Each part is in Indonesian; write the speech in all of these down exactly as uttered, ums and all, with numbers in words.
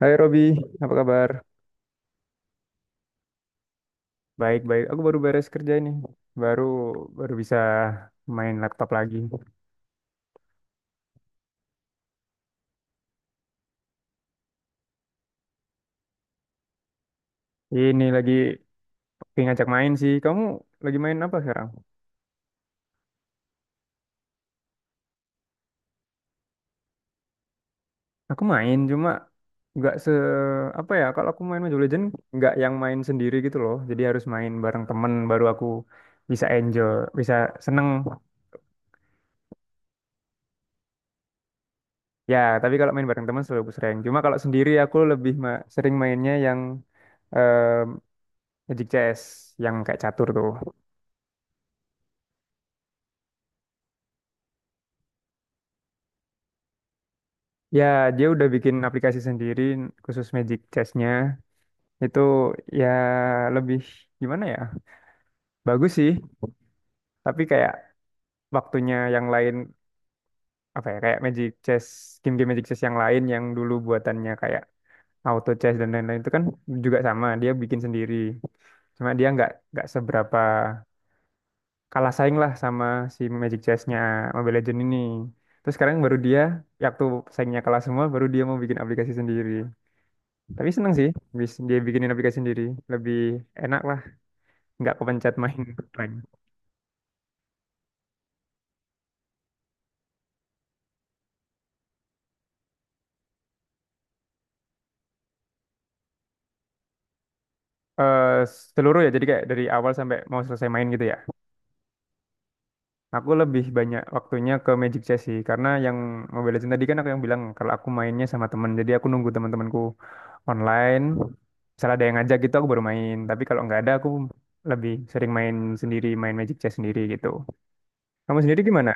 Hai Robi, apa kabar? Baik-baik, aku baru beres kerja ini. Baru baru bisa main laptop lagi. Ini lagi pengen ngajak main sih. Kamu lagi main apa sekarang? Aku main cuma nggak se apa ya? Kalau aku main Mobile Legends nggak yang main sendiri gitu loh. Jadi harus main bareng temen baru aku bisa enjoy, bisa seneng. Ya, tapi kalau main bareng teman selalu aku sering. Cuma kalau sendiri aku lebih ma- sering mainnya yang eh Magic Chess, yang kayak catur tuh. Ya, dia udah bikin aplikasi sendiri khusus Magic Chess-nya. Itu ya lebih gimana ya? Bagus sih, tapi kayak waktunya yang lain apa ya? Kayak Magic Chess, game-game Magic Chess yang lain yang dulu buatannya kayak Auto Chess dan lain-lain itu kan juga sama, dia bikin sendiri. Cuma dia nggak nggak seberapa, kalah saing lah sama si Magic Chess-nya Mobile Legends ini. Terus sekarang baru dia, ya waktu saingnya kalah semua, baru dia mau bikin aplikasi sendiri. Tapi seneng sih, bis- dia bikinin aplikasi sendiri. Lebih enak lah, nggak kepencet main offline. eh Seluruh ya, jadi kayak dari awal sampai mau selesai main gitu ya. Aku lebih banyak waktunya ke Magic Chess sih, karena yang Mobile Legends tadi kan aku yang bilang kalau aku mainnya sama temen, jadi aku nunggu teman-temanku online. Misalnya ada yang ngajak gitu, aku baru main. Tapi kalau nggak ada, aku lebih sering main sendiri, main Magic Chess sendiri gitu. Kamu sendiri gimana?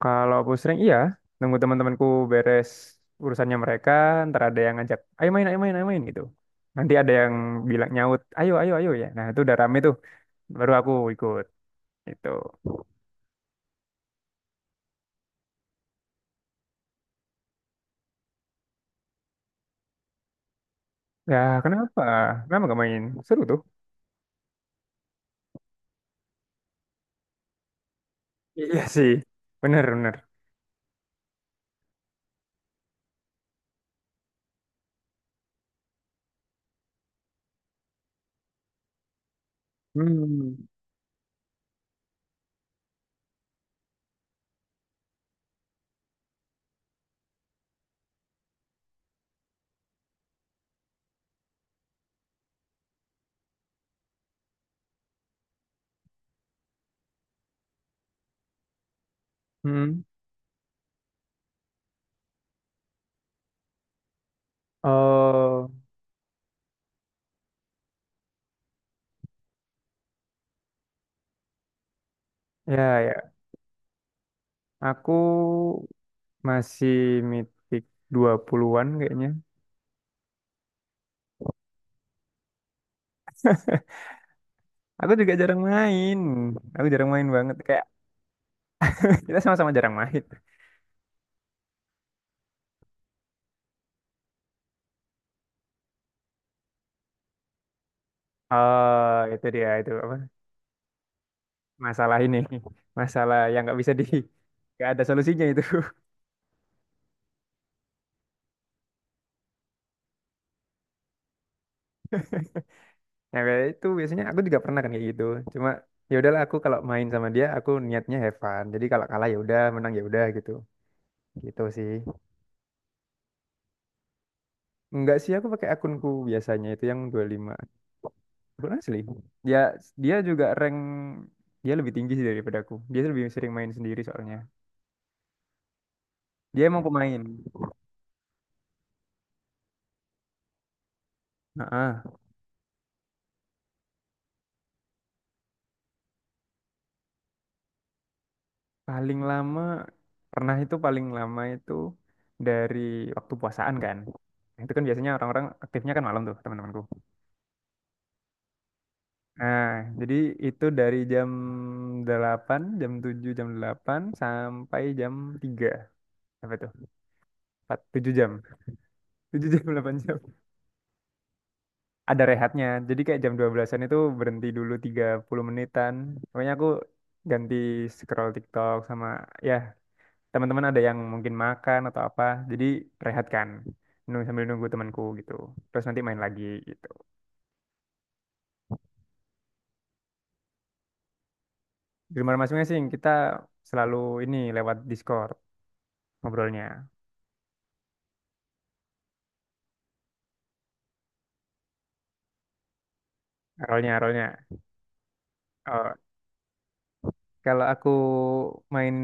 Kalau aku sering iya, nunggu teman-temanku beres urusannya mereka, ntar ada yang ngajak, ayo main, ayo main, ayo main gitu. Nanti ada yang bilang nyaut, ayo, ayo, ayo ya. Nah itu udah rame tuh, baru aku ikut itu. Ya, kenapa? Kenapa gak main? Seru tuh. Iya sih, bener, bener. Hmm, hmm. Oh, ya, ya. Aku masih mitik dua puluhan-an kayaknya. Aku juga jarang main. Aku jarang main banget. Kayak kita sama-sama jarang main. Oh, itu dia itu apa? Masalah ini. Masalah yang nggak bisa di nggak ada solusinya itu. Yang kayak itu biasanya aku juga pernah kan kayak gitu. Cuma ya udahlah, aku kalau main sama dia aku niatnya have fun. Jadi kalau kalah ya udah, menang ya udah gitu. Gitu sih. Enggak sih, aku pakai akunku biasanya itu yang dua puluh lima. Akun asli. Dia dia juga rank, dia lebih tinggi sih daripada aku. Dia lebih sering main sendiri soalnya. Dia emang pemain. Heeh. Paling lama pernah itu, paling lama itu dari waktu puasaan kan. Nah, itu kan biasanya orang-orang aktifnya kan malam tuh, teman-temanku. Nah, jadi itu dari jam delapan, jam tujuh, jam delapan sampai jam tiga. Apa tuh? empat, tujuh jam. Tujuh jam, delapan jam. Ada rehatnya. Jadi kayak jam dua belasan-an itu berhenti dulu tiga puluh menitan. Pokoknya aku ganti scroll TikTok sama ya teman-teman ada yang mungkin makan atau apa, jadi rehat kan, nunggu, sambil nunggu temanku gitu, terus nanti main lagi gitu. Di rumah masing-masing, kita selalu ini lewat Discord ngobrolnya. Rolnya rolnya oh, kalau aku main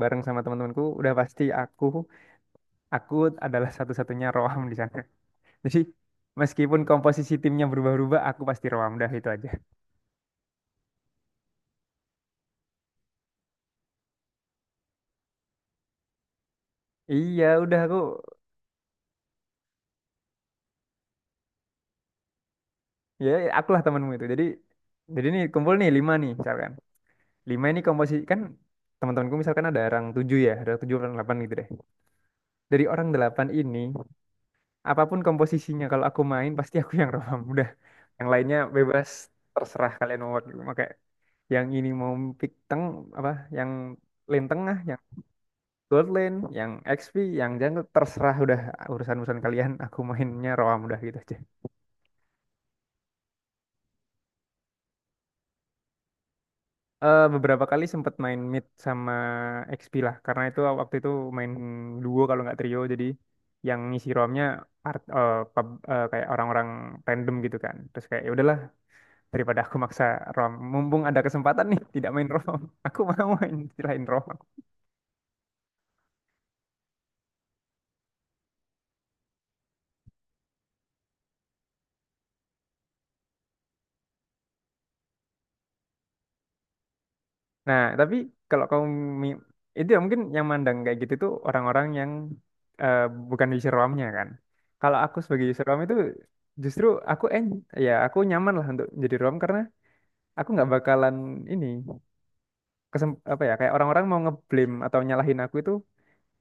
bareng sama teman-temanku udah pasti aku aku adalah satu-satunya roam di sana. Jadi meskipun komposisi timnya berubah-ubah aku pasti roam dah, itu aja. Iya udah aku, ya akulah temanmu itu. jadi jadi nih kumpul nih lima nih misalkan. Lima ini komposisi kan, teman-temanku misalkan ada orang tujuh ya, ada tujuh orang delapan gitu deh. Dari orang delapan ini, apapun komposisinya kalau aku main pasti aku yang rebam. Udah, yang lainnya bebas, terserah kalian mau pakai yang ini, mau pick teng apa, yang lane tengah, yang gold lane, yang X P, yang jungle, terserah, udah urusan-urusan kalian. Aku mainnya roam udah gitu aja. Eh, beberapa kali sempat main mid sama X P lah, karena itu waktu itu main duo kalau nggak trio, jadi yang ngisi romnya art eh, pub- eh, kayak orang-orang random gitu kan, terus kayak ya udahlah, daripada aku maksa rom, mumpung ada kesempatan nih tidak main rom, aku mau main selain rom. Nah tapi kalau kamu mi- itu ya, mungkin yang mandang kayak gitu tuh orang-orang yang eh, bukan user romnya kan. Kalau aku sebagai user rom itu justru aku en ya aku nyaman lah untuk jadi rom, karena aku nggak bakalan ini kesem- apa ya, kayak orang-orang mau ngeblame atau nyalahin aku itu,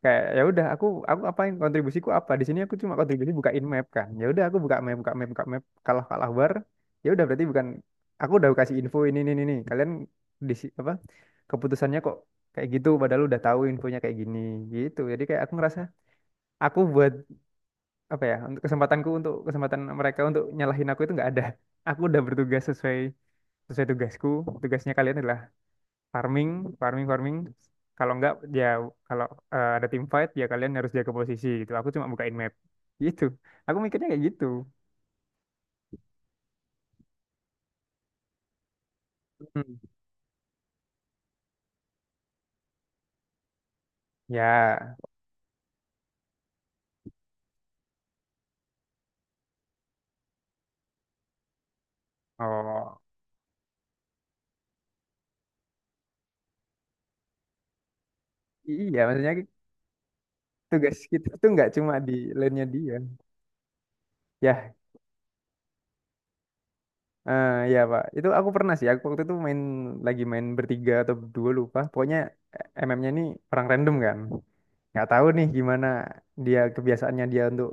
kayak ya udah aku aku apain, kontribusiku apa di sini, aku cuma kontribusi bukain map kan. Ya udah aku buka map, buka map, buka map, kalah, kalah war, ya udah berarti bukan, aku udah kasih info ini ini ini ini. Kalian di si- apa keputusannya kok kayak gitu padahal udah tahu infonya kayak gini, gitu. Jadi kayak aku ngerasa aku buat apa ya, untuk kesempatanku, untuk kesempatan mereka untuk nyalahin aku itu nggak ada. Aku udah bertugas sesuai, sesuai tugasku. Tugasnya kalian adalah farming, farming, farming. Kalau enggak ya, kalau eh, ada tim fight ya kalian harus jaga posisi gitu. Aku cuma bukain map. Gitu. Aku mikirnya kayak gitu. Hmm. Ya, oh iya, maksudnya tugas kita tuh nggak cuma di lane-nya dia. Ya. Eh, ya Pak, itu aku pernah sih. Aku waktu itu main, lagi main bertiga atau berdua lupa. Pokoknya eh, M M-nya ini perang random kan. Nggak tahu nih gimana dia, kebiasaannya dia untuk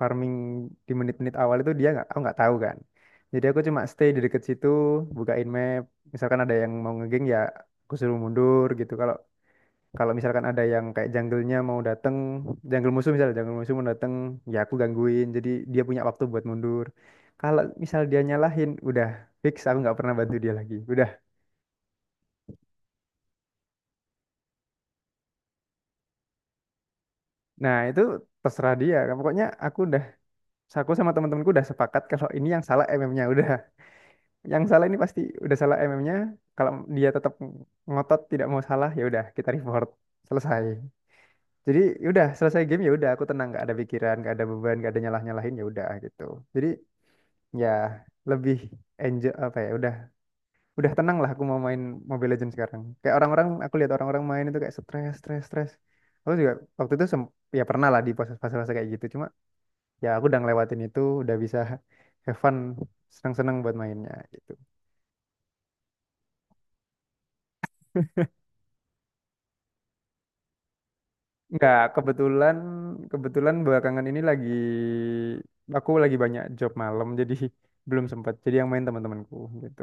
farming di menit-menit awal itu dia nggak, aku nggak tahu kan. Jadi aku cuma stay di deket situ, bukain map. Misalkan ada yang mau ngegeng ya aku suruh mundur gitu. Kalau kalau misalkan ada yang kayak jungle-nya mau dateng, jungle musuh misalnya, jungle musuh mau dateng, ya aku gangguin. Jadi dia punya waktu buat mundur. Kalau misal dia nyalahin, udah fix aku nggak pernah bantu dia lagi. Udah. Nah, itu terserah dia. Pokoknya aku udah, aku sama teman-temanku udah sepakat kalau ini yang salah M M-nya udah. Yang salah ini pasti udah salah M M-nya. Kalau dia tetap ngotot tidak mau salah, ya udah kita report. Selesai. Jadi ya udah selesai game, ya udah aku tenang, nggak ada pikiran, nggak ada beban, nggak ada nyalah-nyalahin, ya udah gitu. Jadi ya lebih enjoy, apa ya, udah udah tenang lah. Aku mau main Mobile Legends sekarang kayak orang-orang, aku lihat orang-orang main itu kayak stres, stres, stres. Aku juga waktu itu sem- ya pernah lah, di proses fase-fase kayak gitu, cuma ya aku udah ngelewatin itu, udah bisa have fun, seneng-seneng buat mainnya gitu. Nggak, kebetulan, kebetulan belakangan ini lagi, aku lagi banyak job malam, jadi belum sempat jadi yang main teman-temanku gitu.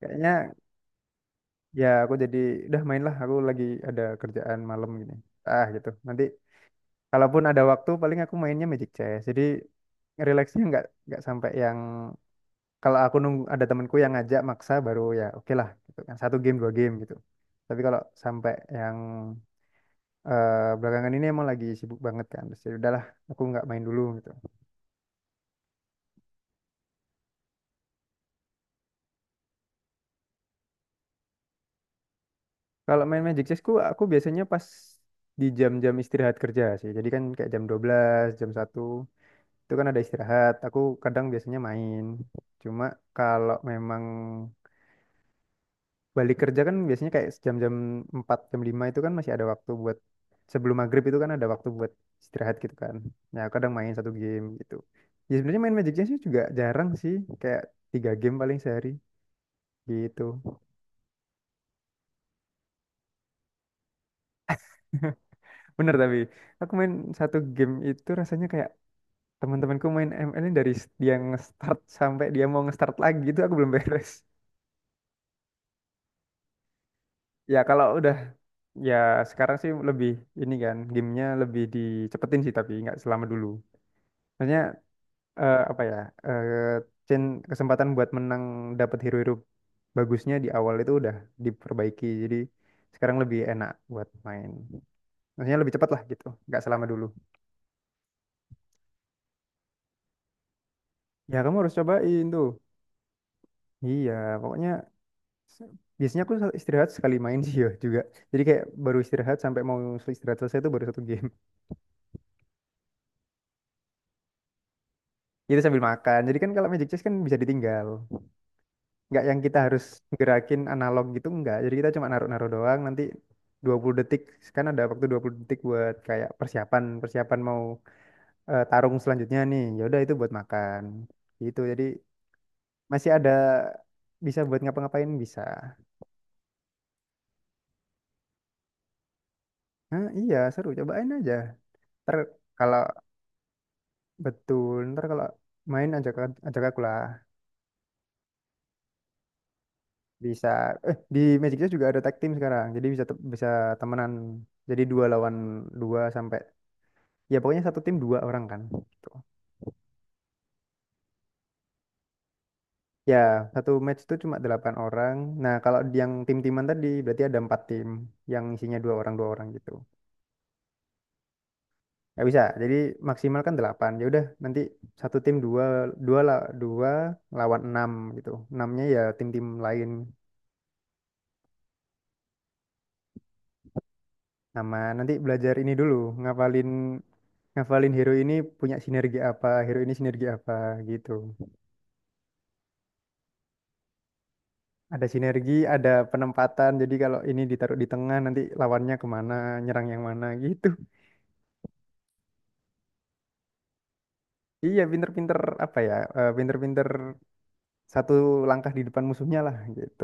Kayaknya ya, aku jadi udah main lah. Aku lagi ada kerjaan malam gini. Ah gitu. Nanti kalaupun ada waktu, paling aku mainnya Magic Chess. Jadi rileksnya nggak nggak sampai yang kalau aku nunggu ada temanku yang ngajak maksa baru ya oke lah gitu kan, satu game dua game gitu. Tapi kalau sampai yang eh, belakangan ini emang lagi sibuk banget kan. Terus ya udahlah, aku nggak main dulu gitu. Kalau main Magic Chessku, aku biasanya pas di jam-jam istirahat kerja sih. Jadi kan kayak jam dua belas jam satu itu kan ada istirahat, aku kadang biasanya main. Cuma kalau memang balik kerja kan biasanya kayak jam-jam empat jam lima itu kan masih ada waktu buat sebelum maghrib itu kan ada waktu buat istirahat gitu kan, nah kadang main satu game gitu. Ya sebenarnya main Magic Johnson juga jarang sih, kayak tiga game paling sehari gitu. Bener, tapi aku main satu game itu rasanya kayak teman-temanku main M L ini dari s- dia nge-start sampai dia mau nge-start lagi itu aku belum beres. Ya kalau udah, ya sekarang sih lebih ini kan gamenya lebih dicepetin sih tapi nggak selama dulu. Maksudnya eh, apa ya eh, chan- kesempatan buat menang dapat hero-hero bagusnya di awal itu udah diperbaiki, jadi sekarang lebih enak buat main. Maksudnya lebih cepat lah gitu, nggak selama dulu. Ya kamu harus cobain tuh. Iya, pokoknya se- biasanya aku istirahat sekali main sih ya juga. Jadi kayak baru istirahat sampai mau istirahat selesai itu baru satu game. Itu sambil makan. Jadi kan kalau magic chess kan bisa ditinggal. Nggak yang kita harus gerakin analog gitu, nggak. Jadi kita cuma naruh-naruh doang, nanti dua puluh detik. Kan ada waktu dua puluh detik buat kayak persiapan, persiapan mau eh, tarung selanjutnya nih. Ya udah itu buat makan. Gitu. Jadi masih ada, bisa buat ngapa-ngapain bisa. Nah, iya, seru. Cobain aja. Ntar kalau betul, ntar kalau main ajak, ajak aku lah. Bisa, eh di Magic Chess juga ada tag team sekarang, jadi bisa te- bisa temenan jadi dua lawan dua sampai, ya pokoknya satu tim dua orang kan gitu. Ya satu match itu cuma delapan orang. Nah kalau di yang tim-timan tadi berarti ada empat tim yang isinya dua orang dua orang gitu. Nggak bisa, jadi maksimal kan delapan, ya udah nanti satu tim dua, dua lah, dua lawan enam gitu, enamnya ya tim-tim lain. Nama, nanti belajar ini dulu, ngafalin, ngafalin hero ini punya sinergi apa, hero ini sinergi apa gitu. Ada sinergi, ada penempatan. Jadi kalau ini ditaruh di tengah, nanti lawannya kemana, nyerang yang mana gitu. Iya, pinter-pinter apa ya? eh, Pinter-pinter satu langkah di depan musuhnya lah gitu.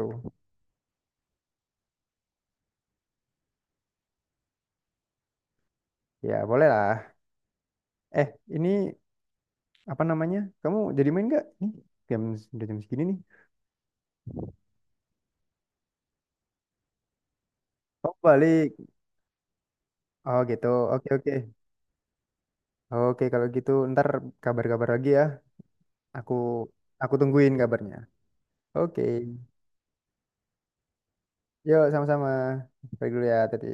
Ya boleh lah. Eh, ini apa namanya? Kamu jadi main nggak? Nih, jam udah jam segini nih. Oh balik. Oh gitu. Oke, oke. Oke kalau gitu ntar kabar-kabar lagi ya. Aku aku tungguin kabarnya. Oke. Yuk sama-sama. Pergi dulu ya, Teti.